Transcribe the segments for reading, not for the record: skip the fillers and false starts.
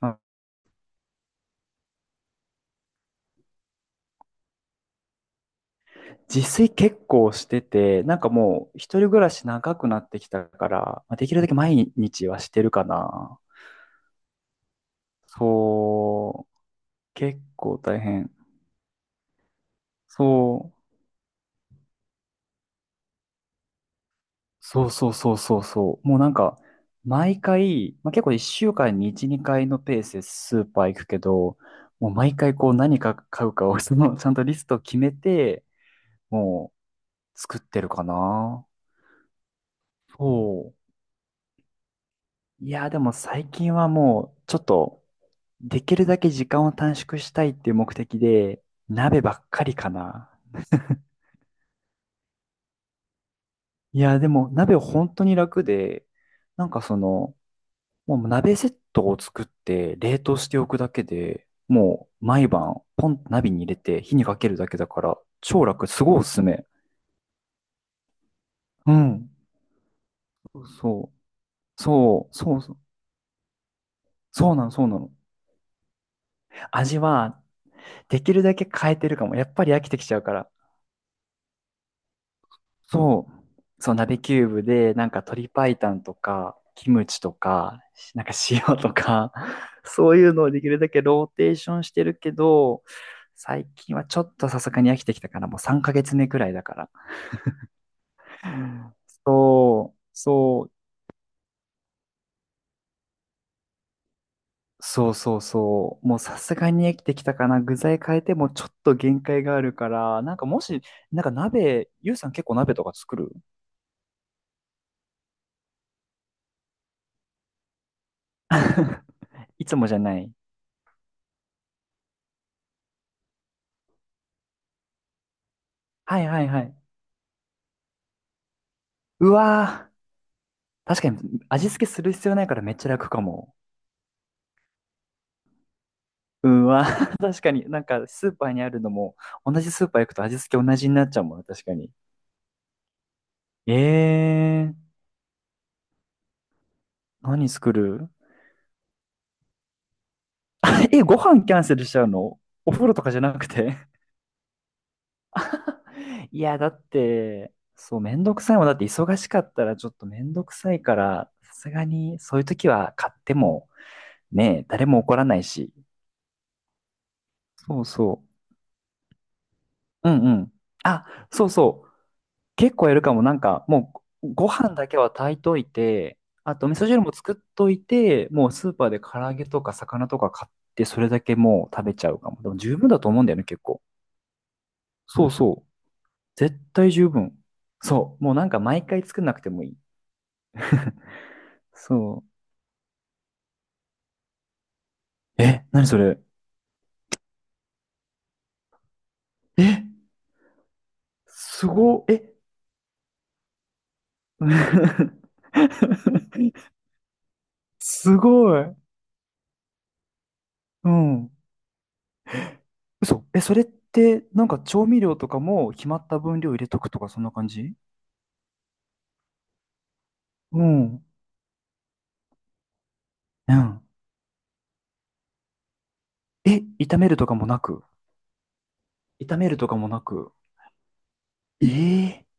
まあ自炊結構してて、なんかもう一人暮らし長くなってきたから、まあ、できるだけ毎日はしてるかな。そう、結構大変。そう、そうそうそうそうそう。もうなんか、毎回、まあ、結構一週間に一、二回のペースでスーパー行くけど、もう毎回こう何か買うかをその、ちゃんとリストを決めて、もう作ってるかな。そう。いや、でも最近はもうちょっと、できるだけ時間を短縮したいっていう目的で、鍋ばっかりかな。いや、でも鍋本当に楽で、なんかその、もう鍋セットを作って冷凍しておくだけで、もう毎晩ポンと鍋に入れて火にかけるだけだから、超楽、すごいおすすめ。うん。そう、そう、そう、そうそうなの、そうなの。味は、できるだけ変えてるかも。やっぱり飽きてきちゃうから。そう、そう、鍋キューブで、なんか鶏白湯とか、キムチとか、なんか塩とか、そういうのをできるだけローテーションしてるけど、最近はちょっとさすがに飽きてきたから、もう3ヶ月目くらいだから。そう、そう、そうそうそう、もうさすがに飽きてきたかな。具材変えてもちょっと限界があるから、なんかもし、なんか鍋、ゆうさん結構鍋とか作る？ いつもじゃない。はいはいはい。うわー。確かに味付けする必要ないからめっちゃ楽かも。うん、わ、確かになんかスーパーにあるのも同じスーパー行くと味付け同じになっちゃうもんね、確かに。えー、何作る？ え、ご飯キャンセルしちゃうの？お風呂とかじゃなくて？ いや、だって、そう、めんどくさいもん。だって忙しかったらちょっとめんどくさいから、さすがにそういう時は買ってもね、誰も怒らないし。そうそう。うんうん。あ、そうそう。結構やるかも。なんか、もう、ご飯だけは炊いといて、あと、味噌汁も作っといて、もうスーパーで唐揚げとか魚とか買って、それだけもう食べちゃうかも。でも十分だと思うんだよね、結構。そうそう。絶対十分。そう。もうなんか毎回作んなくてもいい。そう。え、何それ？え、すご、え？ すごい。うん。嘘。え、それって、なんか調味料とかも決まった分量入れとくとか、そんな感じ？うん。うん。え、炒めるとかもなく？炒めるとかもなく？ええ、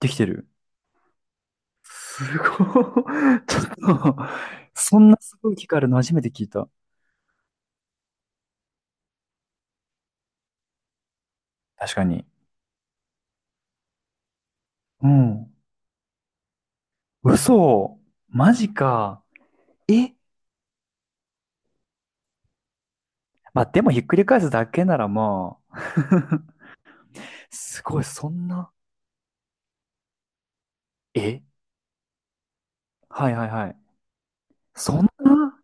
できてる。すごい。ちょっと、そんなすごい機械あるの初めて聞いた。確かに。うん。嘘。マジか。え、まあ、でもひっくり返すだけならまあ。すごい、そんな。え、はいはいはい。そんな？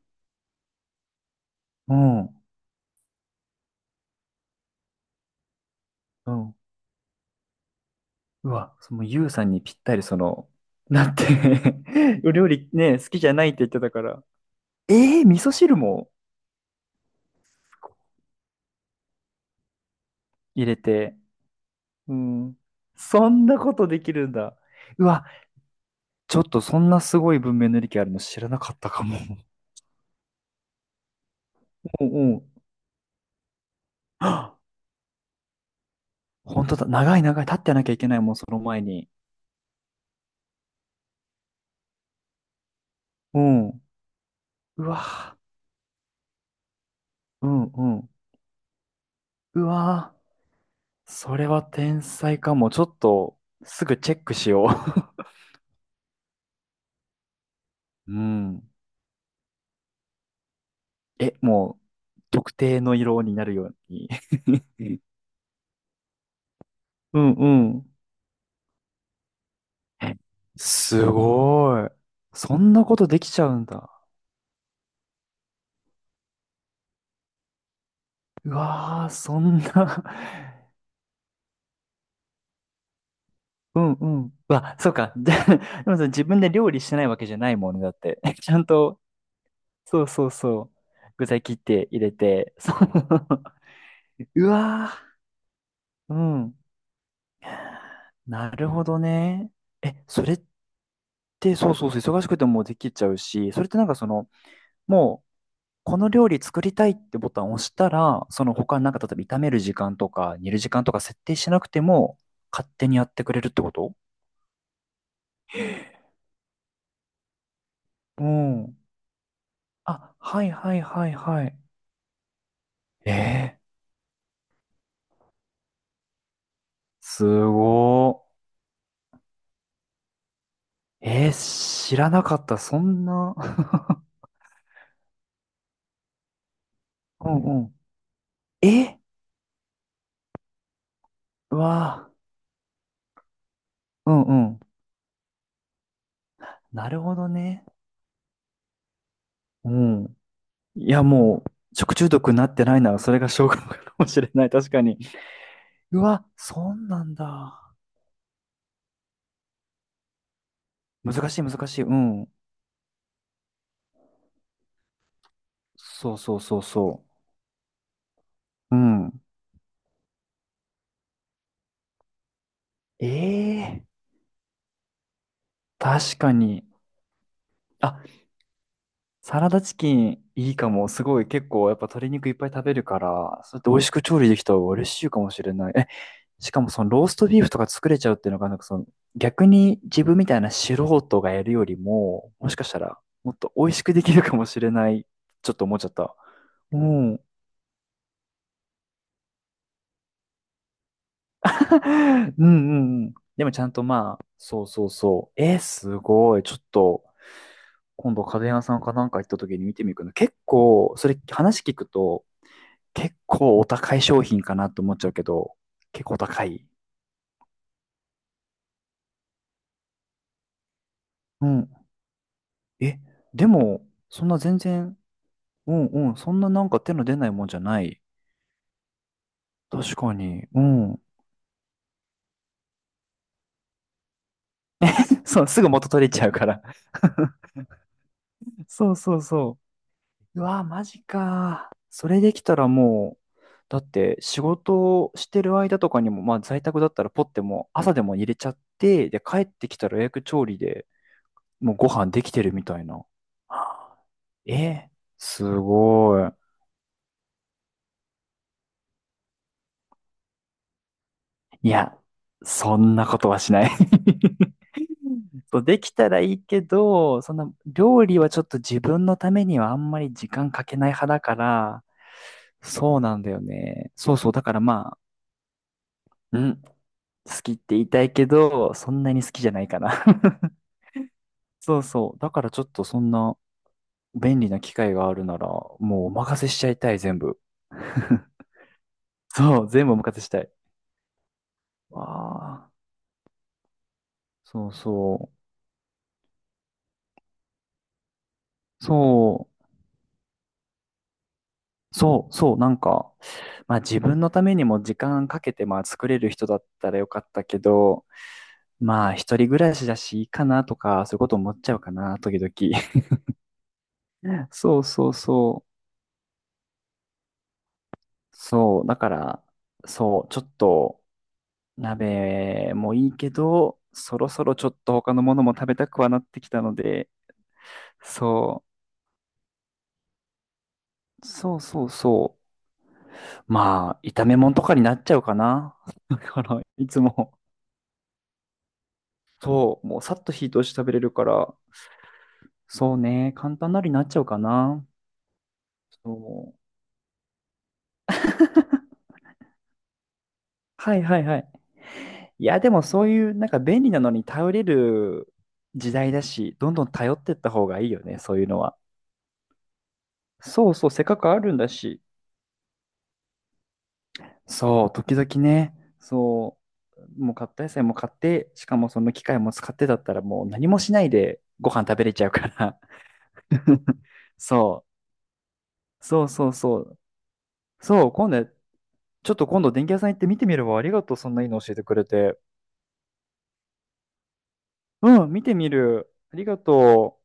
うん。うん。うわ、そのユウさんにぴったりその、だって、 お料理ね、好きじゃないって言ってたから。えー、味噌汁も？入れて。うん。そんなことできるんだ。うわ、ちょっとそんなすごい文明の利器あるの知らなかったかも。うんうん。はっ、本当だ。長い長い。立ってなきゃいけないもん、その前に。うん。うわ、うんうん。うわ、それは天才かも。ちょっと、すぐチェックしよう。うん。え、もう、特定の色になるように。うんうん。え、すごい。そんなことできちゃうんだ。うわー、そんな。 うんうん。うわ、そうか。で、でもさ、自分で料理してないわけじゃないもんね、だって。ちゃんと、そうそうそう。具材切って入れて、そう。うわー、うん。なるほどね。え、それって、そうそうそう、忙しくてもできちゃうし、それってなんかその、もう、この料理作りたいってボタンを押したら、その他なんか例えば炒める時間とか煮る時間とか設定しなくても勝手にやってくれるってこと？うん。あ、はいはいはいはい。ええ、すごー。えー、知らなかった。そんな。うんうん。え、うわー。うんうん。なるほどね。うん。いやもう、食中毒になってないならそれが証拠かもしれない。確かに。うわ、そうなんだ。難しい難しい。うん。そうそうそうそう。うん。ええ、確かに。あ、サラダチキンいいかも。すごい結構やっぱ鶏肉いっぱい食べるから、それって美味しく調理できた方が嬉しいかもしれない。え、しかもそのローストビーフとか作れちゃうっていうのが、なんかその逆に自分みたいな素人がやるよりも、もしかしたらもっと美味しくできるかもしれない。ちょっと思っちゃった。うん。うんうんうん。でもちゃんとまあ、そうそうそう。えー、すごい。ちょっと今度家電屋さんかなんか行った時に見てみるけど、結構、それ話聞くと、結構お高い商品かなと思っちゃうけど、結構高い？うん。え、でも、そんな全然、うんうん、そんななんか手の出ないもんじゃない。確かに。うん。そう、すぐ元取れちゃうから。そうそうそう。うわー、マジかー。それできたらもう、だって仕事をしてる間とかにも、まあ在宅だったらポッてもう朝でも入れちゃって、で帰ってきたら予約調理でもうご飯できてるみたいな。え、すごい。いや、そんなことはしない。 そうできたらいいけど、そんな料理はちょっと自分のためにはあんまり時間かけない派だから、そうなんだよね。そうそう、だからまあ、うん、好きって言いたいけど、そんなに好きじゃないかな。 そうそう、だからちょっとそんな便利な機会があるなら、もうお任せしちゃいたい、全部。そう、全部お任せしたい。わあ。そうそう。そう、そう、そう、なんか、まあ自分のためにも時間かけて、まあ作れる人だったらよかったけど、まあ一人暮らしだしいいかなとか、そういうこと思っちゃうかな、時々。そうそうそう。そう、だから、そう、ちょっと鍋もいいけど、そろそろちょっと他のものも食べたくはなってきたので、そう、そうそうそう。まあ、炒め物とかになっちゃうかな。だから、いつも。そう、もうさっと火通して食べれるから、そうね、簡単なりになっちゃうかな。そう。はいはいはい。いや、でもそういう、なんか便利なのに頼れる時代だし、どんどん頼ってった方がいいよね、そういうのは。そうそう、せっかくあるんだし。そう、時々ね、そう、もう買った野菜も買って、しかもその機械も使ってだったらもう何もしないでご飯食べれちゃうから。そう、そうそうそう。そう、今度ちょっと今度電気屋さん行って見てみるわ。ありがとう。そんないいの教えてくれて。うん、見てみる。ありがとう。